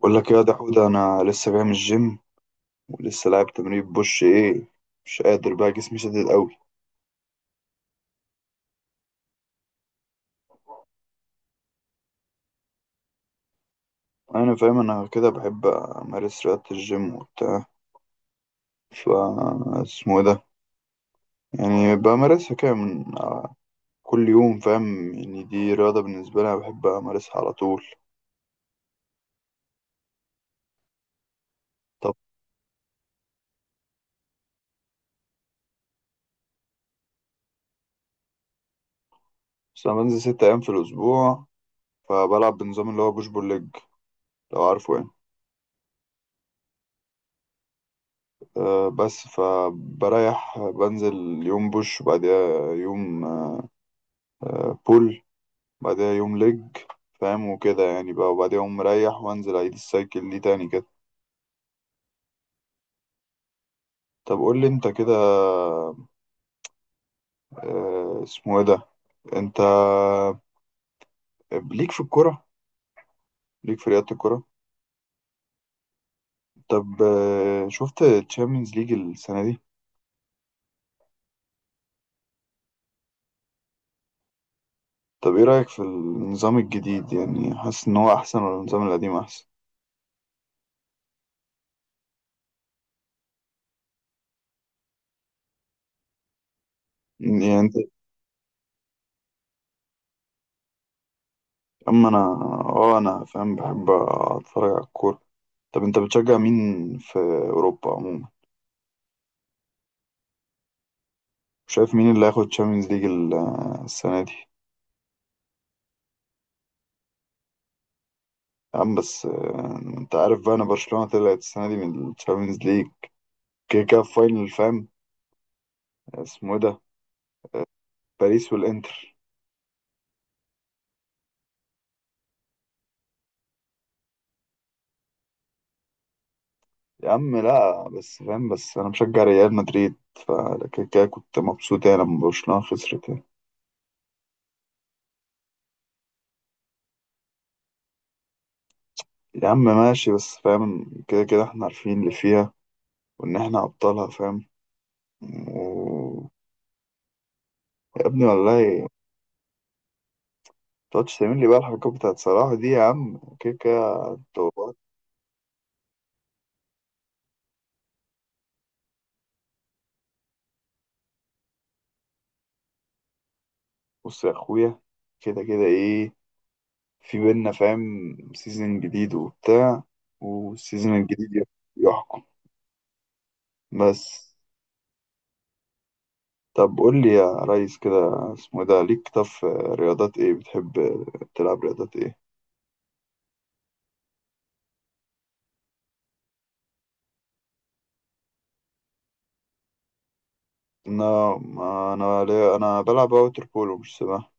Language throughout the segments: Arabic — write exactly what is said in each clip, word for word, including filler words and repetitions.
بقول لك يا دحود، انا لسه جاي من الجيم، ولسه لاعب تمرين بوش ايه. مش قادر بقى، جسمي شديد قوي. انا فاهم، انا كده بحب امارس رياضة الجيم وبتاع. ف اسمه إيه ده، يعني بمارسها كده من كل يوم، فاهم؟ يعني دي رياضة بالنسبة لي، أنا بحب امارسها على طول. طب بس انا بنزل ست ايام في الاسبوع، فبلعب بنظام اللي هو بوش بول ليج، لو عارفه يعني. أه بس فبريح، بنزل يوم بوش وبعديها يوم بول، بعدها يوم لج، فاهم؟ وكده يعني بقى، وبعدها يوم مريح وانزل اعيد السايكل دي تاني كده. طب قول لي انت كده، آه، اسمه ايه ده، انت ليك في الكرة؟ ليك في رياضة الكرة؟ طب، آه، شفت تشامبيونز ليج السنة دي؟ طب ايه رأيك في النظام الجديد؟ يعني حاسس ان هو احسن ولا النظام القديم احسن؟ يعني انت، اما انا، اه انا فاهم، بحب اتفرج على الكورة. طب انت بتشجع مين في اوروبا عموما؟ وشايف مين اللي هياخد تشامبيونز ليج السنة دي؟ يا عم بس، آه، انت عارف بقى انا برشلونة طلعت السنة دي من الشامبيونز ليج، كده كده في فاينل، فاهم؟ اسمه ايه ده، باريس والانتر. يا عم لا، بس فاهم، بس انا مشجع ريال مدريد، فكده كده كنت مبسوط يعني لما برشلونة خسرت يعني. يا عم ماشي، بس فاهم كده كده احنا عارفين اللي فيها، وان احنا ابطالها فاهم. و... يا ابني والله، متقعدش تعمل لي بقى الحركات بتاعت صلاح دي يا عم كده كده، توبات. بص يا اخويا، كده كده ايه في بينا فاهم، سيزن جديد وبتاع، والسيزن الجديد يح- يحكم بس. طب قول لي يا ريس كده، اسمه إيه ده، ليك طب في رياضات ايه بتحب تلعب؟ رياضات ايه؟ انا ما انا ليا- انا بلعب ووتر بولو مش سباحة.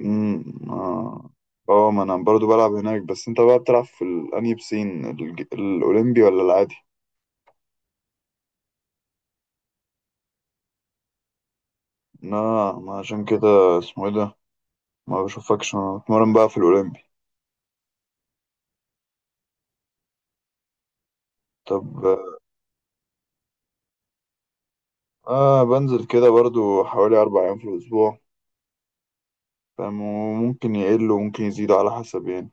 امم، اه، آه، ما انا برضو بلعب هناك. بس انت بقى بتلعب في ال- انهي بسين، الج- الاولمبي ولا العادي؟ لا، ما عشان كده اسمه ايه ده، ما بشوفكش. انا بتمرن بقى في الاولمبي. طب، آه بنزل كده برضو حوالي أربع أيام في الأسبوع، فاهم؟ وممكن يقل وممكن يزيد على حسب يعني،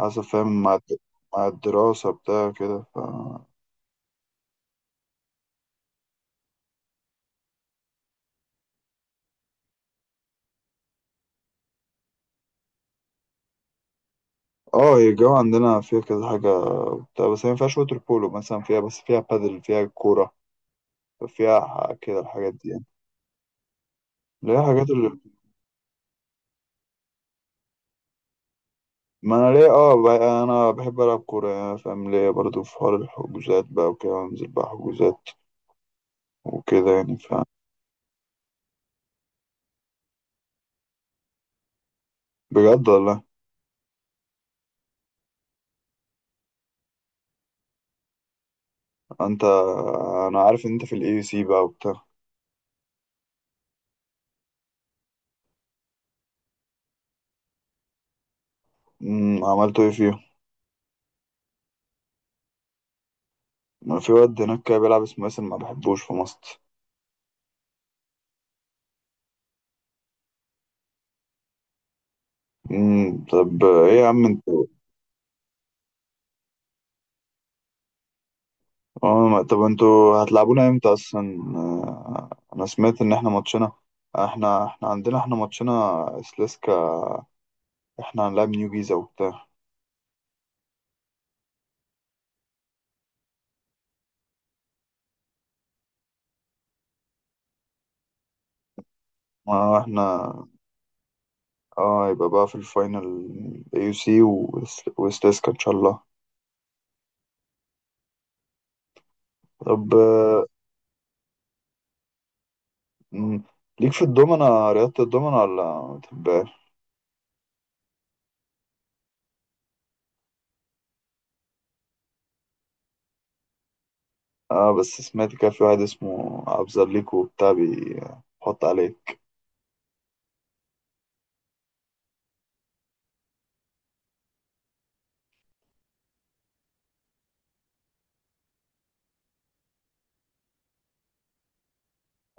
حسب فاهم مع الد- مع الدراسة بتاع كده. ف اه، هي الجو عندنا فيها كذا حاجة بتاع بس هي مينفعش ووتر بولو مثلا فيها، بس فيها بادل، فيها كورة، فيها ح- كده الحاجات دي يعني، اللي هي حاجات اللي. ما أنا ليه اه، ب- أنا بحب ألعب كورة يعني، فاهم؟ ليه برضو في حوار الحجوزات بقى، وكده أنزل بقى حجوزات وكده يعني. ف بجد والله! أنت، أنا عارف إن أنت في الإي سي بقى وبتاع. امم، عملتوا ايه فيهم؟ ما في واد هناك كده بيلعب اسمه ياسر، ما بحبوش في مصر. امم، طب ايه يا عم انتوا؟ اه ما- طب انتوا هتلعبونا امتى اصلا؟ آه، انا سمعت ان احنا ماتشنا، احنا احنا عندنا احنا ماتشنا سليسكا. احنا هنلعب نيو جيزا وبتاع. ما احنا، اه، يبقى بقى في الفاينل، اي سي وسليسكا ان شاء الله. طب، آه، مم، ليك في الدومنة، رياضة الدومنة ولا ما بتحبهاش؟ اه بس سمعت كان في واحد اسمه ابزرليكو وبتاع بيحط عليه.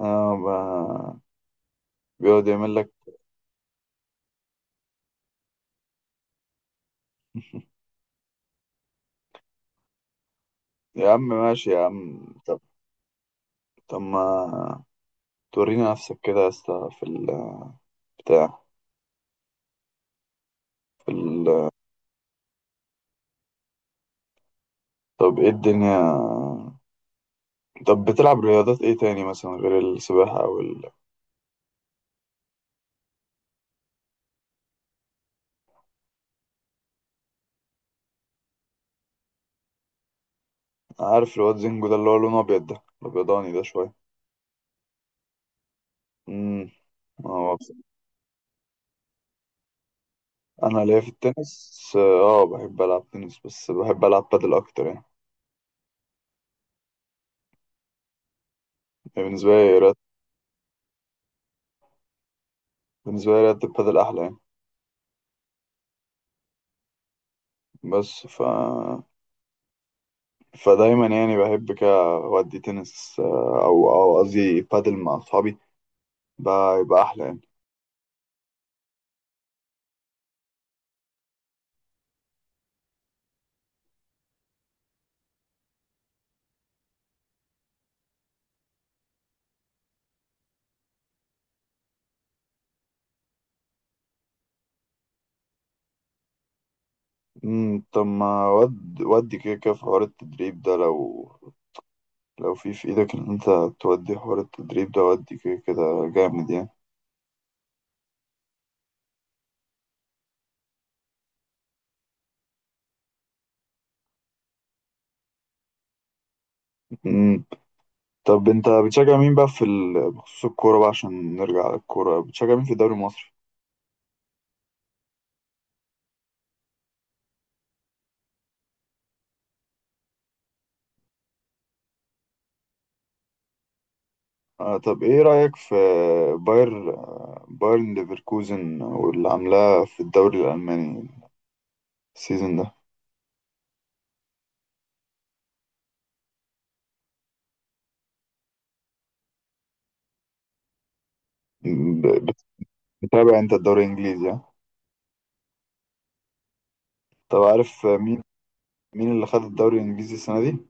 اه، ب- بيقعد يعمل لك يا عم ماشي يا عم، طب، طب ما تورينا نفسك كده يا اسطى في البتاع، في ال... طب ايه الدنيا؟ طب بتلعب رياضات ايه تاني مثلا غير السباحة او ال... عارف الواد زينجو ده اللي هو لونه ابيض ده الابيضاني ده شوية؟ امم، هو بص- انا ليا في التنس اه، آه، بحب العب تنس، بس بحب العب بادل اكتر يعني. بالنسبة لي بالنسبة لي رياضة البادل أحلى يعني. بس ف... فدايما يعني بحب كده أودي تنس، آه، أو أو قصدي بادل مع أصحابي بقى، يبقى أحلى يعني. مم، طب، ما ود ودي كده كده في حوار التدريب ده، لو لو في في إيدك إن أنت تودي حوار التدريب ده، ودي كده كده جامد يعني. مم. طب أنت بتشجع مين بقى في ال... بخصوص الكورة بقى عشان نرجع للكورة، بتشجع مين في الدوري المصري؟ آه طب ايه رأيك في باير آه، بايرن ليفركوزن واللي عاملاه في الدوري الألماني السيزون ده؟ ب- بتتابع انت الدوري الإنجليزي ها؟ طب عارف مين مين اللي خد الدوري الإنجليزي السنة دي؟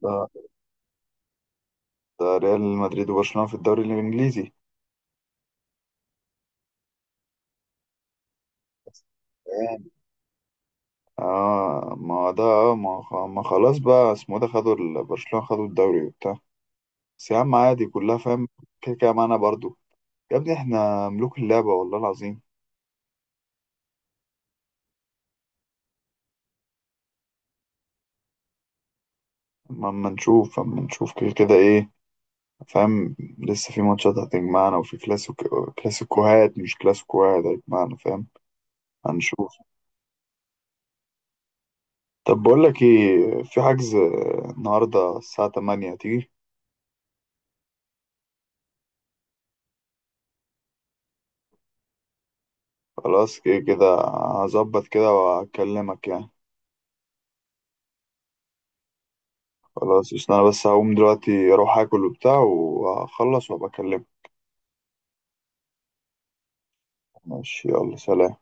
ده ده ريال مدريد وبرشلونة في الدوري الإنجليزي؟ اه ما ده، اه ما خ- ما خلاص بقى اسمه ده، خدوا ال- برشلونة خدوا الدوري وبتاع. بس يا عم عادي، كلها فاهم كده كده معانا برضو. يا ابني احنا ملوك اللعبة والله العظيم! اما أما نشوف، اما نشوف كده كده ايه، فاهم؟ لسه في ماتشات هتجمعنا، وفي كلاسيكو كلاسيكوهات مش كلاسيكوهات هتجمعنا فاهم. هنشوف. طب بقول لك ايه، في حجز النهارده الساعة تمانية، تيجي؟ خلاص كده كده، هظبط كده وهكلمك يعني. خلاص، عشان انا بس هقوم دلوقتي اروح اكل وبتاع وهخلص وابقى اكلمك. ماشي، يلا سلام.